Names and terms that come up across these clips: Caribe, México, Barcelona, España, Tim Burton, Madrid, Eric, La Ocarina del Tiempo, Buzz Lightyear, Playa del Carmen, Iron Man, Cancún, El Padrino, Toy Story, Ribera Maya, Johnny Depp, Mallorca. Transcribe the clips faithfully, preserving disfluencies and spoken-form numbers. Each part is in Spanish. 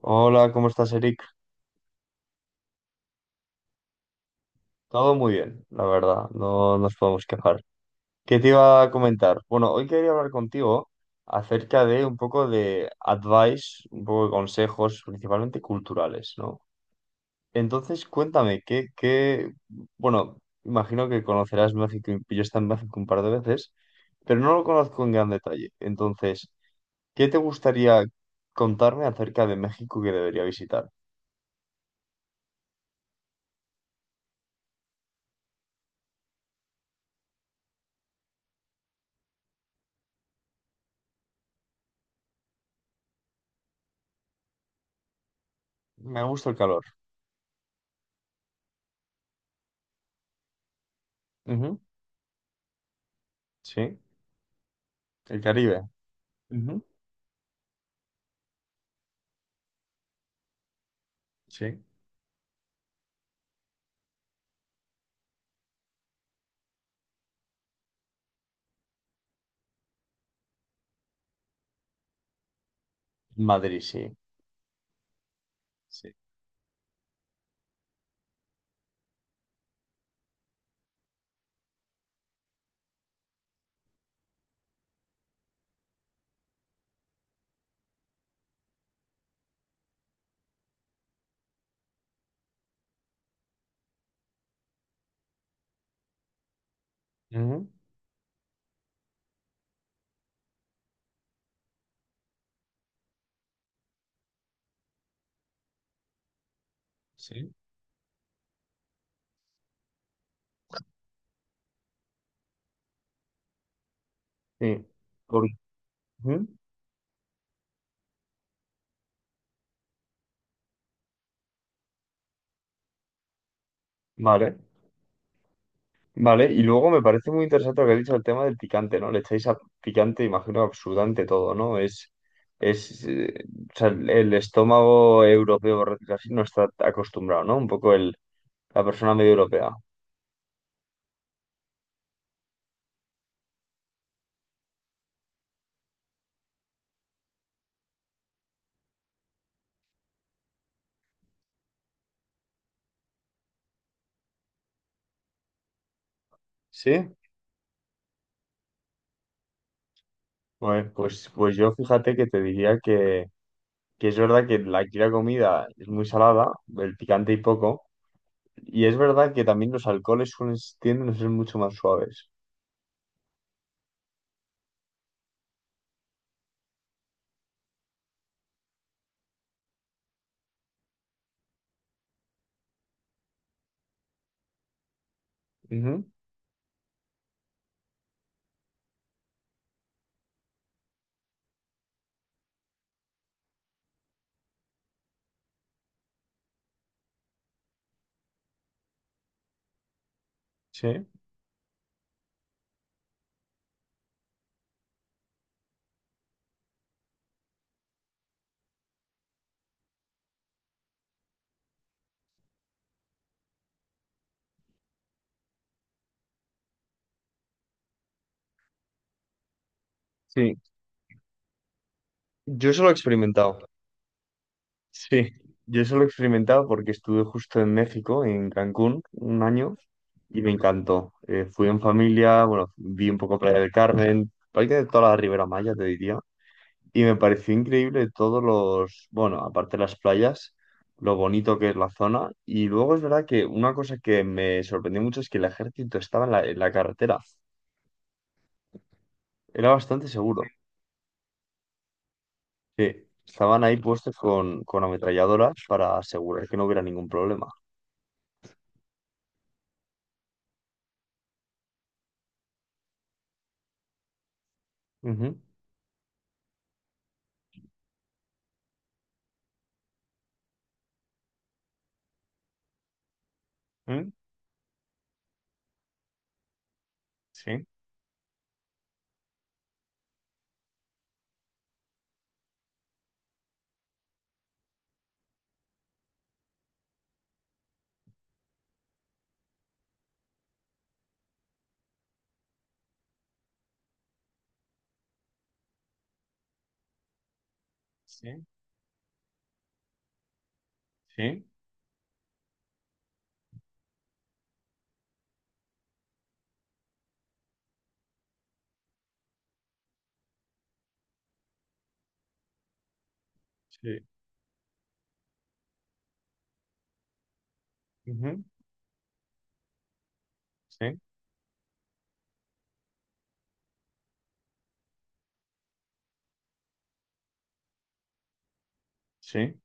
Hola, ¿cómo estás, Eric? Todo muy bien, la verdad, no nos podemos quejar. ¿Qué te iba a comentar? Bueno, hoy quería hablar contigo acerca de un poco de advice, un poco de consejos, principalmente culturales, ¿no? Entonces, cuéntame, ¿qué, qué... Bueno, imagino que conocerás México, y yo he estado en México un par de veces, pero no lo conozco en gran detalle. Entonces, ¿qué te gustaría contarme acerca de México que debería visitar? Me gusta el calor. Ujú. Sí, el Caribe. Sí. Madrid, sí. Sí. Ujú. Sí. Sí. Por- Ujú. Vale, vale. Y luego me parece muy interesante lo que has dicho el tema del picante, ¿no? Le echáis a picante, imagino, absolutamente todo, ¿no? Es, es, eh, o sea, el el estómago europeo, por decirlo así, no está acostumbrado, ¿no? Un poco el, la persona medio europea. ¿Sí? Bueno, pues, pues yo fíjate que te diría que, que es verdad que la- aquí la comida es muy salada, el picante y poco. Y es verdad que también los alcoholes suelen, tienden a ser mucho más suaves. Ujú. Sí. Sí. Yo eso lo he experimentado. Sí. Yo eso lo he experimentado porque estuve justo en México, en Cancún, un año, y me encantó. Eh, fui en familia, bueno, vi un poco Playa del Carmen, prácticamente toda la Ribera Maya, te diría. Y me pareció increíble todos los, bueno, aparte de las playas, lo bonito que es la zona. Y luego es verdad que una cosa que me sorprendió mucho es que el ejército estaba en la, en la carretera. Era bastante seguro. Sí, estaban ahí puestos con, con ametralladoras para asegurar que no hubiera ningún problema. Ujú. Mm. Sí, sí, sí, sí. Ujú. Sí, sí,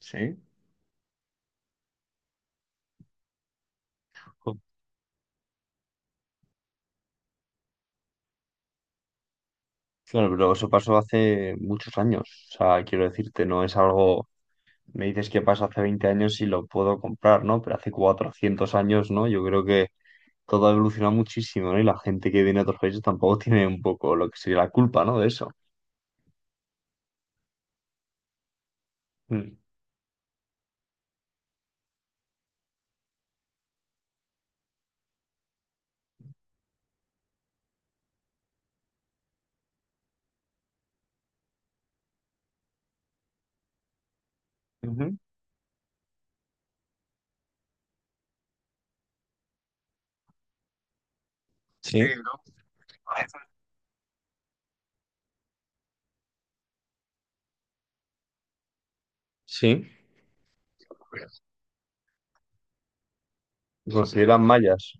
sí. Jo. Claro, pero eso pasó hace muchos años. O sea, quiero decirte, no es algo... Me dices que pasa hace veinte años y lo puedo comprar, ¿no? Pero hace cuatrocientos años, ¿no? Yo creo que todo ha evolucionado muchísimo, ¿no? Y la gente que viene de otros países tampoco tiene un poco lo que sería la culpa, ¿no? De eso. Mm. Ujú. Sí. Sí. Se consideran mayas.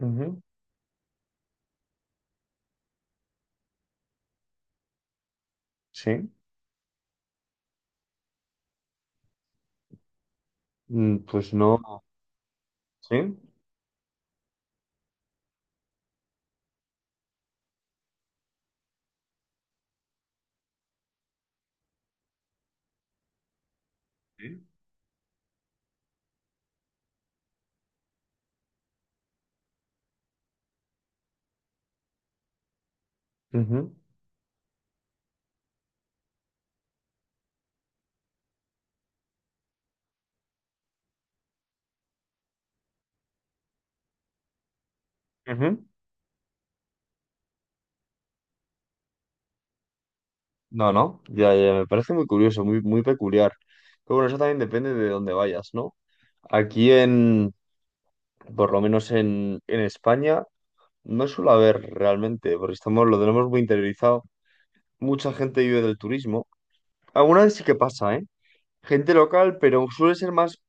Ujú. Sí. Mm. Pues no. Sí. Sí. Ujú, ujú. No, no. Ya, ya, me parece muy curioso, muy, muy peculiar. Pero bueno, eso también depende de dónde vayas, ¿no? Aquí en, por lo menos en, en España, no suele haber realmente, porque estamos, lo tenemos muy interiorizado. Mucha gente vive del turismo. Alguna vez sí que pasa, ¿eh? Gente local, pero suele ser más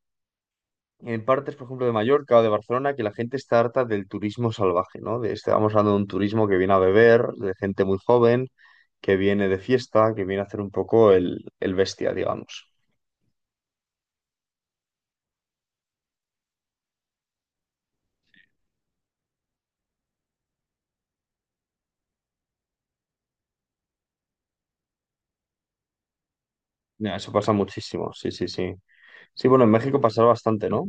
en partes, por ejemplo, de Mallorca o de Barcelona, que la gente está harta del turismo salvaje, ¿no? De, estamos hablando de un turismo que viene a beber, de gente muy joven, que viene de fiesta, que viene a hacer un poco el, el bestia, digamos. Ya, eso pasa muchísimo, sí, sí, sí. Sí, bueno, en México pasa bastante, no.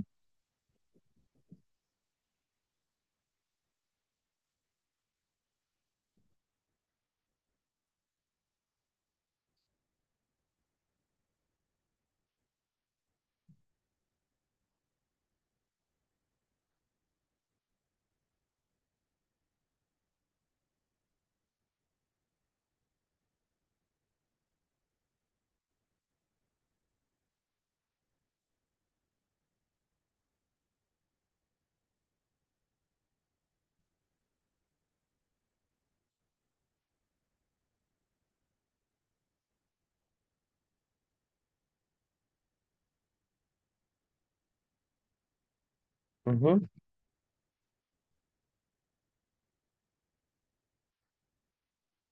Ujú,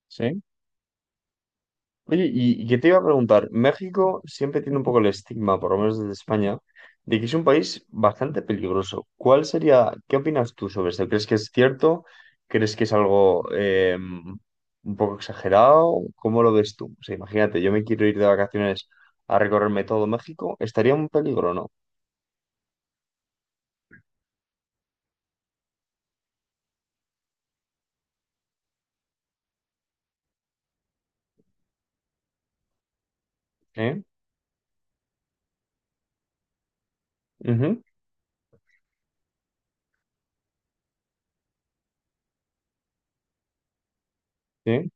sí. Oye, y, y que te iba a preguntar, México siempre tiene un poco el estigma, por lo menos desde España, de que es un país bastante peligroso. ¿Cuál sería, qué opinas tú sobre esto? ¿Crees que es cierto? ¿Crees que es algo eh, un poco exagerado? ¿Cómo lo ves tú? O sea, imagínate, yo me quiero ir de vacaciones a recorrerme todo México, estaría un peligro, ¿no? ¿Eh? Ujú. Sí,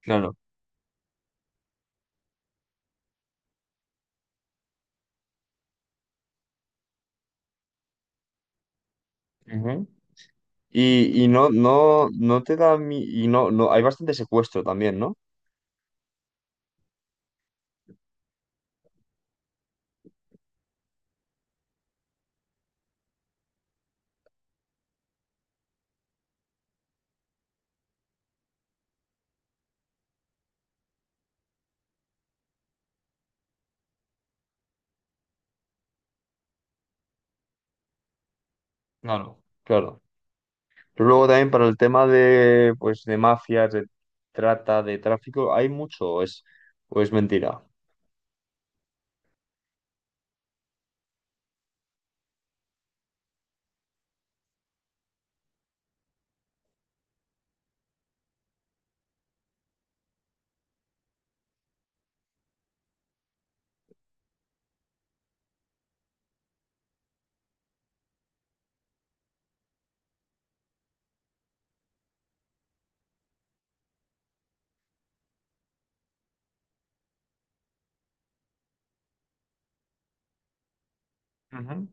claro. Ujú. Y, y no, no, no te da mi... y no, No, hay bastante secuestro también, ¿no? Claro. Claro. Pero luego también para el tema de, pues, de mafias, de trata, de tráfico, ¿hay mucho o es, o es mentira? Ujú.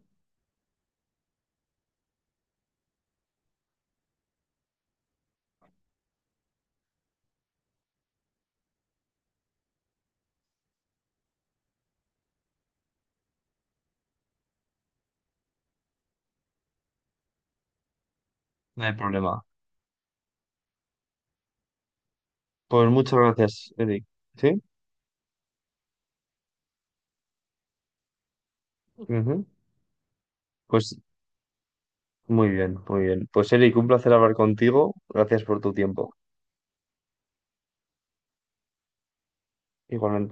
No hay problema. Pues muchas gracias, Eric. ¿Sí? Ujú. Pues muy bien, muy bien. Pues Eric, un placer hablar contigo. Gracias por tu tiempo. Igualmente.